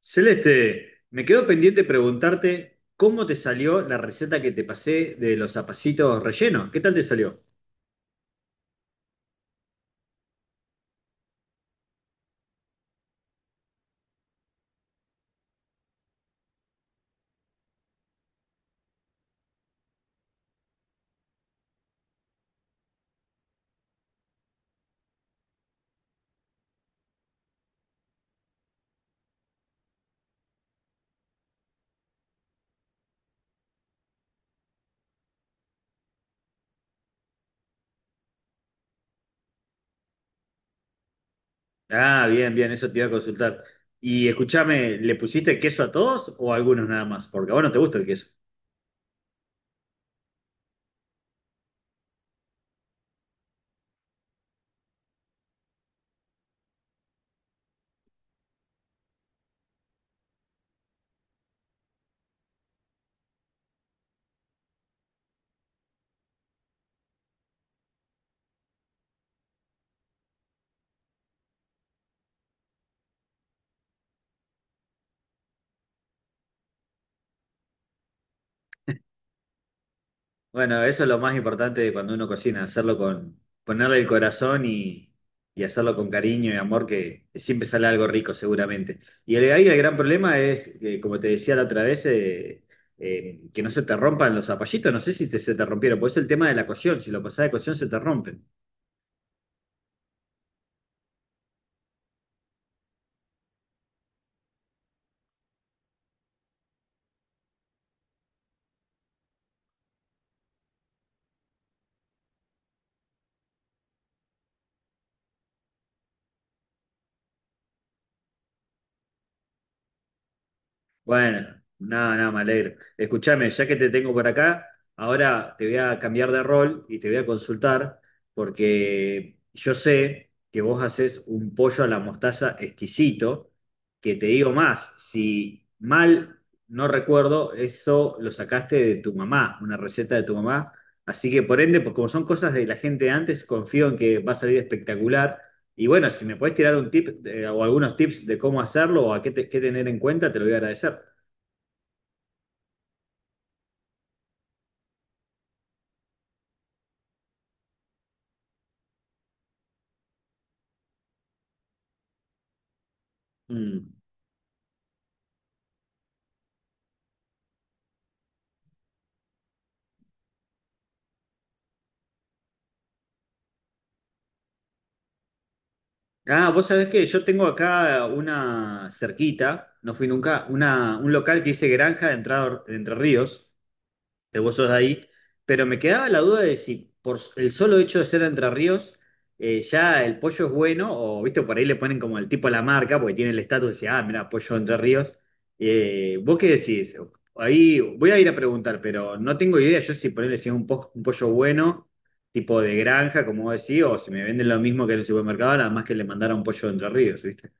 Celeste, me quedó pendiente preguntarte cómo te salió la receta que te pasé de los zapacitos rellenos. ¿Qué tal te salió? Ah, bien, bien, eso te iba a consultar. Y escúchame, ¿le pusiste queso a todos o a algunos nada más? Porque a vos no te gusta el queso. Bueno, eso es lo más importante de cuando uno cocina, hacerlo con, ponerle el corazón y hacerlo con cariño y amor, que siempre sale algo rico seguramente. Y el, ahí el gran problema es, que, como te decía la otra vez, que no se te rompan los zapallitos, no sé si te- se te rompieron, pues es el tema de la cocción, si lo pasás de cocción se te rompen. Bueno, nada, nada, me alegro. Escúchame, ya que te tengo por acá, ahora te voy a cambiar de rol y te voy a consultar, porque yo sé que vos haces un pollo a la mostaza exquisito, que te digo más, si mal no recuerdo, eso lo sacaste de tu mamá, una receta de tu mamá. Así que por ende, pues como son cosas de la gente de antes, confío en que va a salir espectacular. Y bueno, si me podés tirar un tip o algunos tips de cómo hacerlo o a qué, te- qué tener en cuenta, te lo voy a agradecer. Mm. Ah, vos sabés que yo tengo acá una cerquita, no fui nunca, una, un local que dice Granja de Entrado- de Entre Ríos, que vos sos de ahí, pero me quedaba la duda de si por s- el solo hecho de ser de Entre Ríos, ya el pollo es bueno, o viste, por ahí le ponen como el tipo a la marca, porque tiene el estatus de decir, ah, mira, pollo de Entre Ríos. ¿Vos qué decís? Ahí voy a ir a preguntar, pero no tengo idea yo si ponerle si es un, po- un pollo bueno, tipo de granja, como vos decís, o si me venden lo mismo que en el supermercado, nada más que le mandara un pollo de Entre Ríos, ¿viste?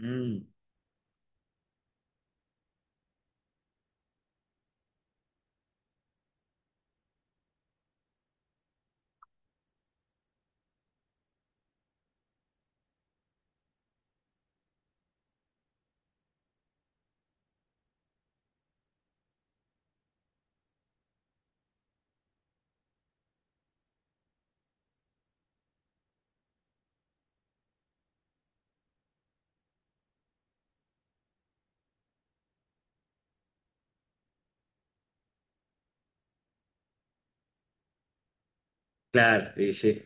Mm, claro, y sí.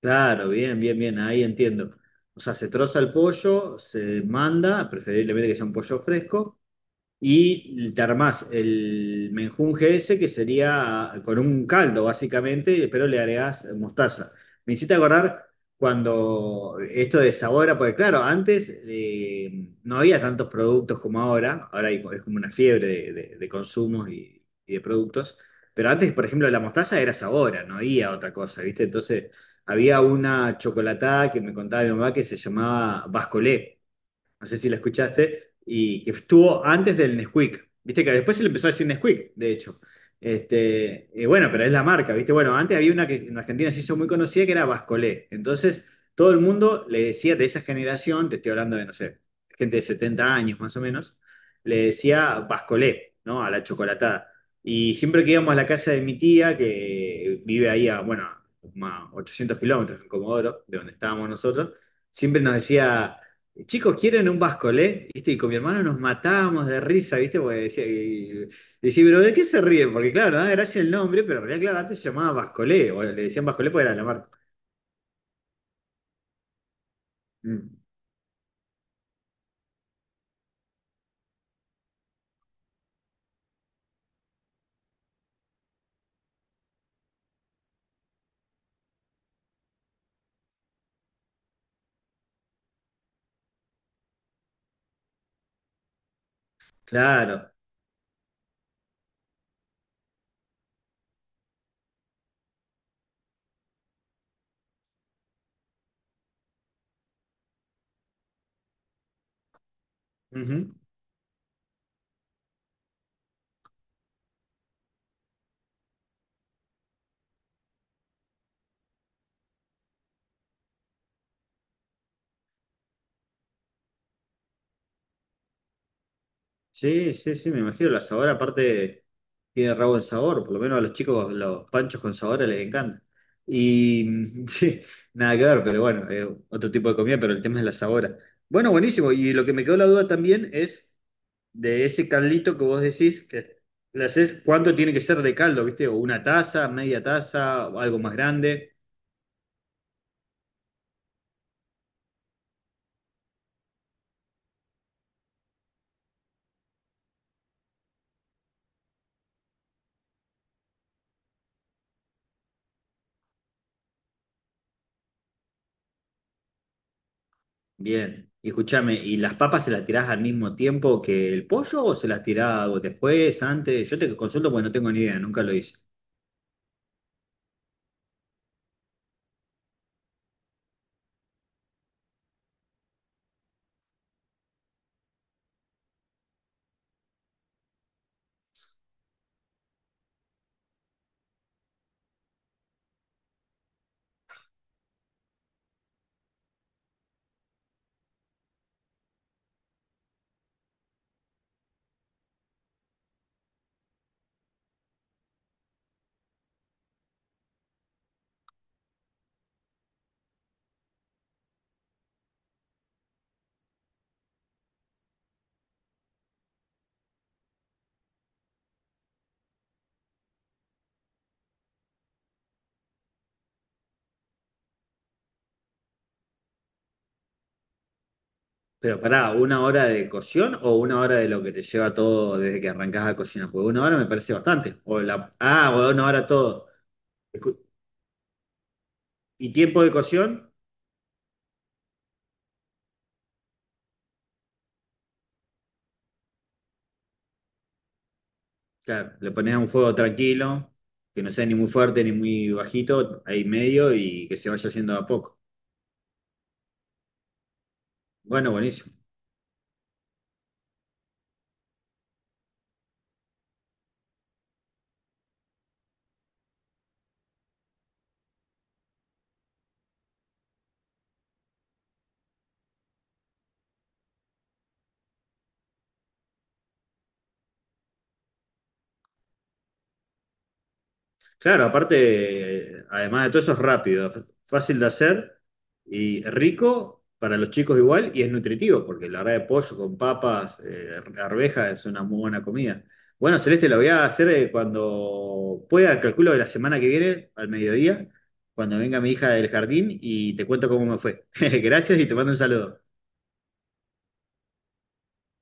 Claro, bien, bien, bien, ahí entiendo. O sea, se troza el pollo, se manda, preferiblemente que sea un pollo fresco, y te armás el menjunje ese, que sería con un caldo, básicamente, pero le agregás mostaza. Me hiciste acordar cuando esto de sabora porque claro, antes no había tantos productos como ahora, ahora hay- es como una fiebre de, de consumos y de productos, pero antes, por ejemplo, la mostaza era sabora, no había otra cosa, ¿viste? Entonces, había una chocolatada que me contaba mi mamá que se llamaba Bascolé, no sé si la escuchaste, y que estuvo antes del Nesquik. Viste que después se le empezó a decir Nesquik, de hecho. Este, bueno, pero es la marca, ¿viste? Bueno, antes había una que en Argentina se hizo muy conocida que era Bascolé. Entonces, todo el mundo le decía de esa generación, te estoy hablando de, no sé, gente de 70 años más o menos, le decía Bascolé, ¿no? A la chocolatada. Y siempre que íbamos a la casa de mi tía, que vive ahí a, bueno, a 800 kilómetros en Comodoro, de donde estábamos nosotros, siempre nos decía, Chicos, ¿quieren un bascolé? ¿Viste? Y con mi hermano nos matábamos de risa, ¿viste? Porque decía, decía, pero ¿de qué se ríen? Porque claro, no da gracia el nombre, pero en realidad, claro, antes se llamaba bascolé, o le decían bascolé porque era la marca. Mm, claro. Ujú. Sí, sí, sí, me imagino. La sabor aparte tiene rabo en sabor, por lo menos a los chicos los panchos con sabor les encanta. Y mm, sí, nada que ver, pero bueno, otro tipo de comida, pero el tema es la sabora. Bueno, buenísimo. Y lo que me quedó la duda también es de ese caldito que vos decís que le haces, ¿cuánto tiene que ser de caldo, viste? O una taza, media taza, o algo más grande. Bien. Y escúchame, ¿y las papas se las tirás al mismo tiempo que el pollo o se las tirás después, antes? Yo te consulto porque no tengo ni idea, nunca lo hice. Pero pará, ¿una hora de cocción o una hora de lo que te lleva todo desde que arrancás a cocinar? Porque una hora me parece bastante. O la, ah, o una hora todo. Escu- ¿Y tiempo de cocción? Claro, le pones a un fuego tranquilo, que no sea ni muy fuerte ni muy bajito, ahí medio y que se vaya haciendo de a poco. Bueno, buenísimo. Claro, aparte, además de todo eso es rápido, f- fácil de hacer y rico para los chicos igual y es nutritivo, porque la verdad de pollo con papas, arvejas es una muy buena comida. Bueno, Celeste, lo voy a hacer cuando pueda, calculo de la semana que viene, al mediodía, cuando venga mi hija del jardín y te cuento cómo me fue. Gracias y te mando un saludo.